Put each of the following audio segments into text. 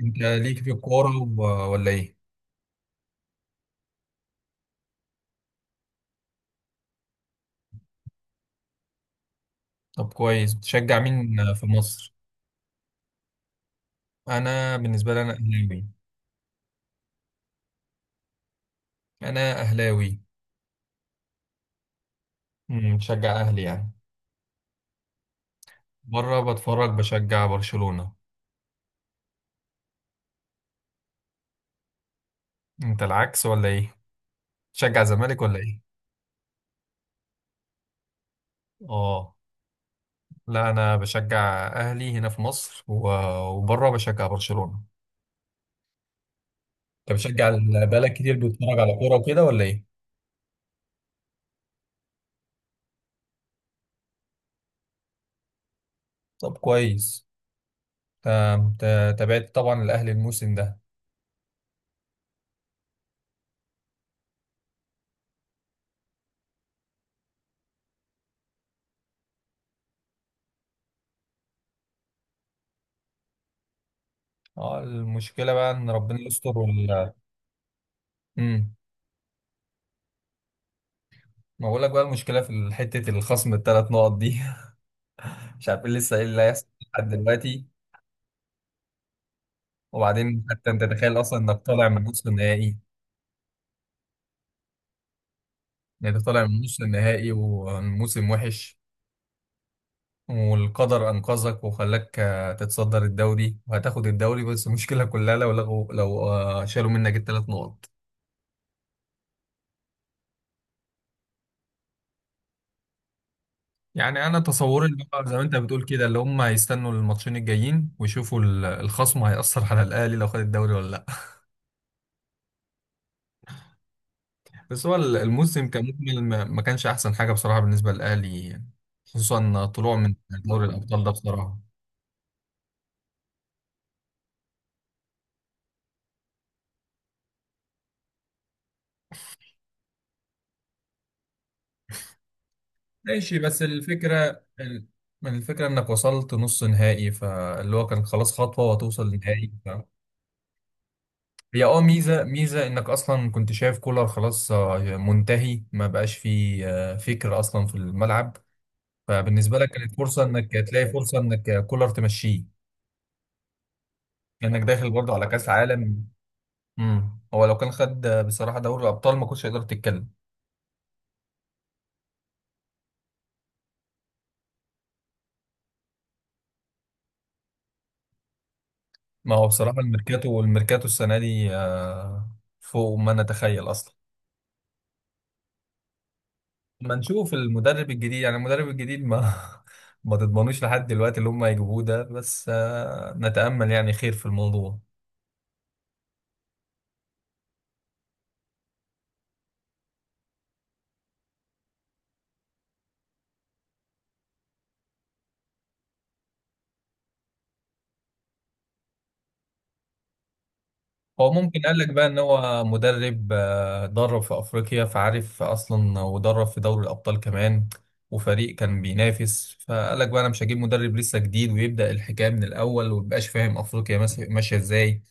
انت ليك في الكورة ولا ايه؟ طب كويس، بتشجع مين في مصر؟ انا بالنسبة لي اهلاوي. انا اهلاوي. بشجع اهلي يعني. بره بتفرج، بشجع برشلونة. انت العكس ولا ايه؟ بتشجع زمالك ولا ايه؟ اه، لا انا بشجع اهلي هنا في مصر وبره بشجع برشلونة. انت بتشجع بقالك كتير بتتفرج على كورة وكده ولا ايه؟ طب كويس. تابعت طبعا الاهلي الموسم ده. اه، المشكلة بقى ان ربنا يستر. امم. ما بقول لك بقى، المشكله في حته الخصم الثلاث نقط دي. مش عارفين لسه ايه اللي هيحصل لحد دلوقتي. وبعدين حتى انت تتخيل اصلا انك طالع من نص النهائي. يعني انت طالع من نص النهائي والموسم وحش، والقدر انقذك وخلاك تتصدر الدوري وهتاخد الدوري، بس المشكله كلها لو لغوا، لو شالوا منك الثلاث نقط. يعني انا تصوري اللي هو زي ما انت بتقول كده، اللي هم هيستنوا الماتشين الجايين ويشوفوا الخصم هيأثر على الاهلي لو خد الدوري ولا لا. بس هو الموسم كمجمل ما كانش احسن حاجه بصراحه بالنسبه للاهلي، خصوصا طلوع من دوري الابطال ده بصراحه. ماشي، بس الفكرة الفكرة انك وصلت نص نهائي، فاللي هو كان خلاص خطوة وهتوصل لنهائي. هي ميزة ميزة انك اصلا كنت شايف كولر خلاص منتهي، ما بقاش فيه فكر اصلا في الملعب. فبالنسبة لك كانت فرصة انك تلاقي فرصة انك كولر تمشيه، لانك داخل برضه على كأس عالم. امم، هو لو كان خد بصراحه دوري الابطال ما كنتش هيقدر تتكلم. ما هو بصراحه الميركاتو، والميركاتو السنه دي فوق ما نتخيل اصلا. ما نشوف المدرب الجديد، يعني المدرب الجديد ما ما تضمنوش لحد دلوقتي اللي هم هيجيبوه ده، بس نتامل يعني خير في الموضوع. هو ممكن قال لك بقى ان هو مدرب درب في افريقيا فعارف اصلا، ودرب في دوري الابطال كمان، وفريق كان بينافس، فقال لك بقى انا مش هجيب مدرب لسه جديد ويبدا الحكايه من الاول ومبقاش فاهم افريقيا ماشيه ازاي.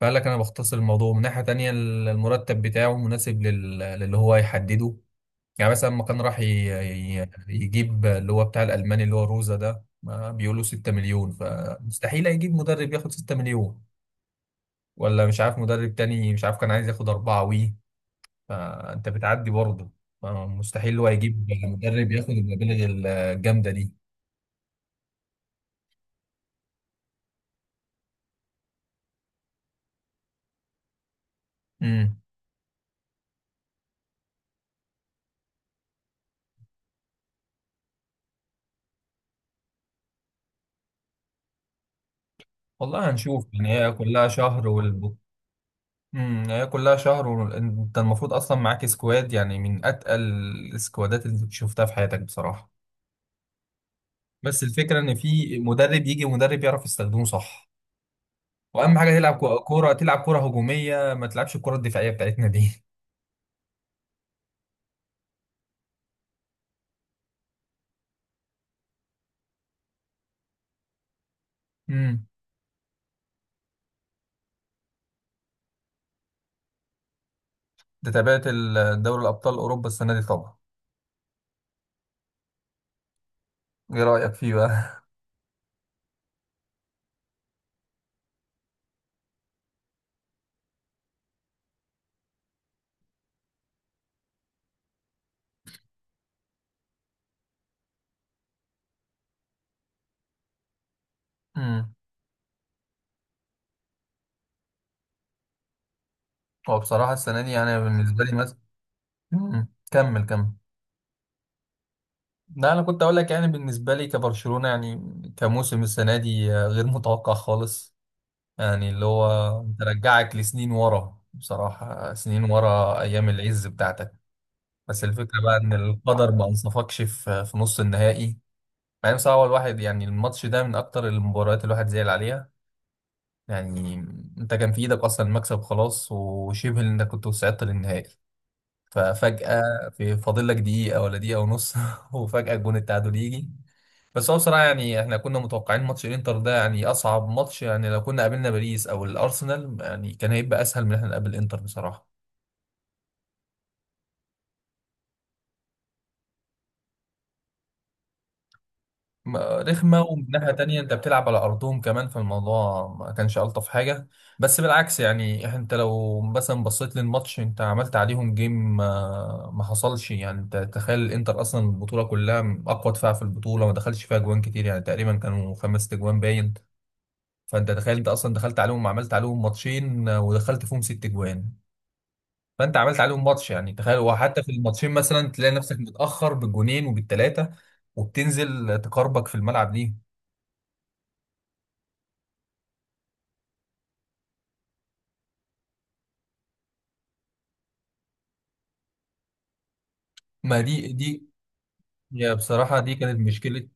فقال لك انا بختصر الموضوع من ناحيه تانية، المرتب بتاعه مناسب للي هو هيحدده. يعني مثلا لما كان راح يجيب اللي هو بتاع الالماني اللي هو روزا ده، ما بيقولوا 6 مليون، فمستحيل هيجيب مدرب ياخد 6 مليون، ولا مش عارف مدرب تاني، مش عارف كان عايز ياخد أربعة وي، فأنت بتعدي برضه. مستحيل هو يجيب مدرب ياخد المبالغ الجامدة دي. امم. والله هنشوف يعني، هي كلها شهر والب. امم، هي كلها شهر، وانت المفروض اصلا معاك سكواد يعني من اتقل السكوادات اللي شفتها في حياتك بصراحة. بس الفكرة ان في مدرب يجي، مدرب يعرف يستخدمه صح. واهم حاجة تلعب كورة، تلعب كورة هجومية، ما تلعبش الكورة الدفاعية بتاعتنا دي. امم. ده تابعت دوري الابطال اوروبا السنة دي طبعا؟ ايه رأيك فيه بقى؟ امم. هو بصراحة السنة دي يعني بالنسبة لي مثلا، امم، كمل كمل. لا، انا كنت اقول لك يعني بالنسبة لي كبرشلونة يعني، كموسم السنة دي غير متوقع خالص. يعني اللي هو ترجعك لسنين ورا بصراحة، سنين ورا ايام العز بتاعتك. بس الفكرة بقى ان القدر ما انصفكش في نص النهائي. مع ان بصراحة هو الواحد يعني الماتش ده من اكتر المباريات الواحد زعل عليها. يعني انت كان في ايدك اصلا المكسب خلاص، وشبه انك كنت وصعدت للنهائي. ففجأة في فاضل لك دقيقة ولا دقيقة ونص وفجأة جون التعادل يجي. بس هو بصراحة يعني احنا كنا متوقعين ماتش الانتر ده يعني أصعب ماتش، يعني لو كنا قابلنا باريس أو الأرسنال يعني كان هيبقى أسهل من إن احنا نقابل الانتر بصراحة. رخمة، ومن ناحية تانية انت بتلعب على ارضهم كمان، في الموضوع ما كانش الطف حاجة. بس بالعكس يعني، انت لو مثلا بصيت للماتش، انت عملت عليهم جيم، ما حصلش. يعني انت تخيل الانتر اصلا البطولة كلها اقوى دفاع في البطولة، ما دخلش فيها جوان كتير، يعني تقريبا كانوا خمس تجوان باين. فانت تخيل انت اصلا دخلت عليهم، عملت عليهم ماتشين ودخلت فيهم ست جوان. فانت عملت عليهم ماتش، يعني تخيل. وحتى في الماتشين مثلا تلاقي نفسك متأخر بالجونين وبالتلاتة، وبتنزل تقربك في الملعب ليهم. ما دي يا بصراحة دي كانت مشكلة.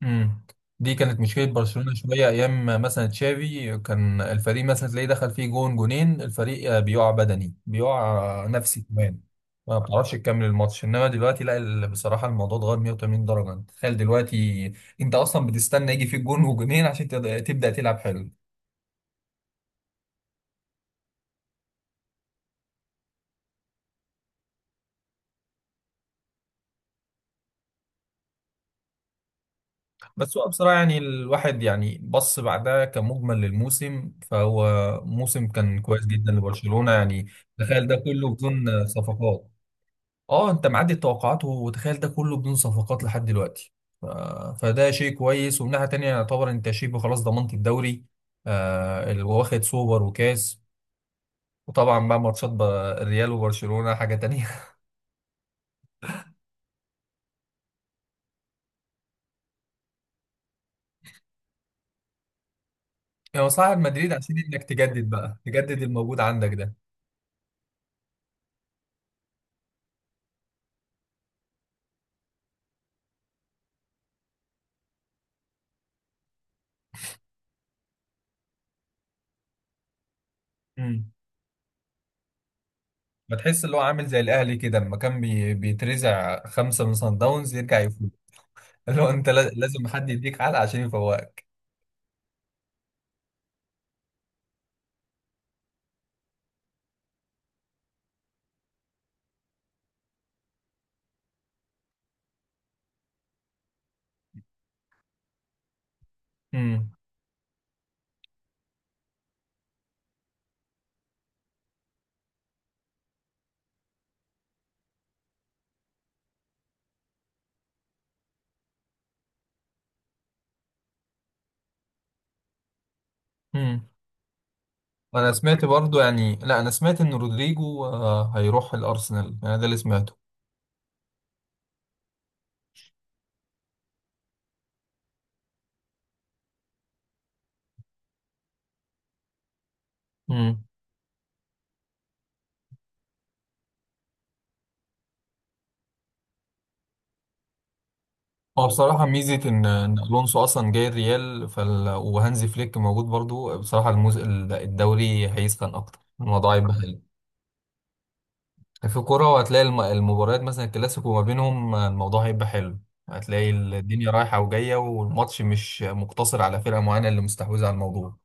مم. دي كانت مشكلة برشلونة شوية أيام، ما مثلا تشافي كان الفريق مثلا تلاقيه دخل فيه جون جونين، الفريق بيقع بدني، بيقع نفسي كمان، ما بتعرفش تكمل الماتش. إنما دلوقتي لا، بصراحة الموضوع اتغير 180 درجة. تخيل دلوقتي أنت أصلا بتستنى يجي فيك جون وجونين عشان تبدأ تلعب حلو. بس هو بصراحة يعني الواحد يعني بص، بعدها كمجمل للموسم، فهو موسم كان كويس جدا لبرشلونة يعني. تخيل ده كله بدون صفقات. اه، انت معدي التوقعات، وتخيل ده كله بدون صفقات لحد دلوقتي. ف- فده شيء كويس، ومن ناحية تانية يعتبر انت شبه خلاص ضمنت الدوري، آه اللي واخد سوبر وكاس. وطبعا بقى ماتشات الريال وبرشلونة حاجة تانية. يعني صاحب مدريد، عشان انك تجدد بقى، تجدد الموجود عندك. ده بتحس اللي هو عامل زي الاهلي كده، لما كان بيترزع خمسه من صن داونز يرجع يفوز. اللي هو انت لازم حد يديك علقه عشان يفوقك. امم. امم. انا سمعت برضو يعني، لا، انا سمعت ان رودريجو هيروح الارسنال، انا ده اللي سمعته. امم. هو بصراحه ميزه إن الونسو اصلا جاي الريال وهانزي فليك موجود برضو بصراحه. الدوري هيسخن اكتر، الموضوع يبقى في الكورة، وهتلاقي المباريات مثلا الكلاسيكو ما بينهم الموضوع هيبقى حلو. هتلاقي الدنيا رايحة وجاية، والماتش مش مقتصر على فرقة معينة اللي مستحوذة على الموضوع.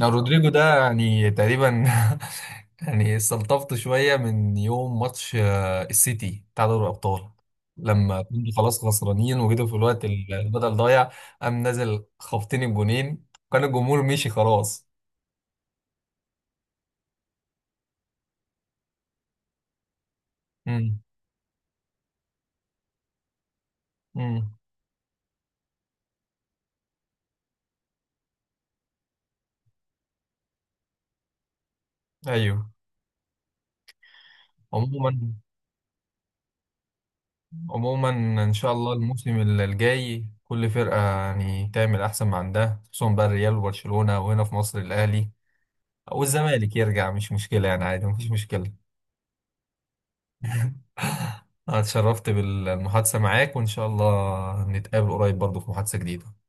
أنا رودريجو ده يعني تقريبا يعني استلطفت شوية من يوم ماتش السيتي بتاع دوري الأبطال، لما كنتوا خلاص خسرانين وجيتوا في الوقت البدل ضايع، قام نازل خبطين الجونين، وكان الجمهور مشي خلاص. امم. امم. ايوه. عموما، عموما، ان شاء الله الموسم الجاي كل فرقه يعني تعمل احسن ما عندها، خصوصا بقى الريال وبرشلونه، وهنا في مصر الاهلي او الزمالك يرجع مش مشكله يعني، عادي مفيش مشكله. انا اتشرفت بالمحادثه معاك، وان شاء الله نتقابل قريب برضه في محادثه جديده.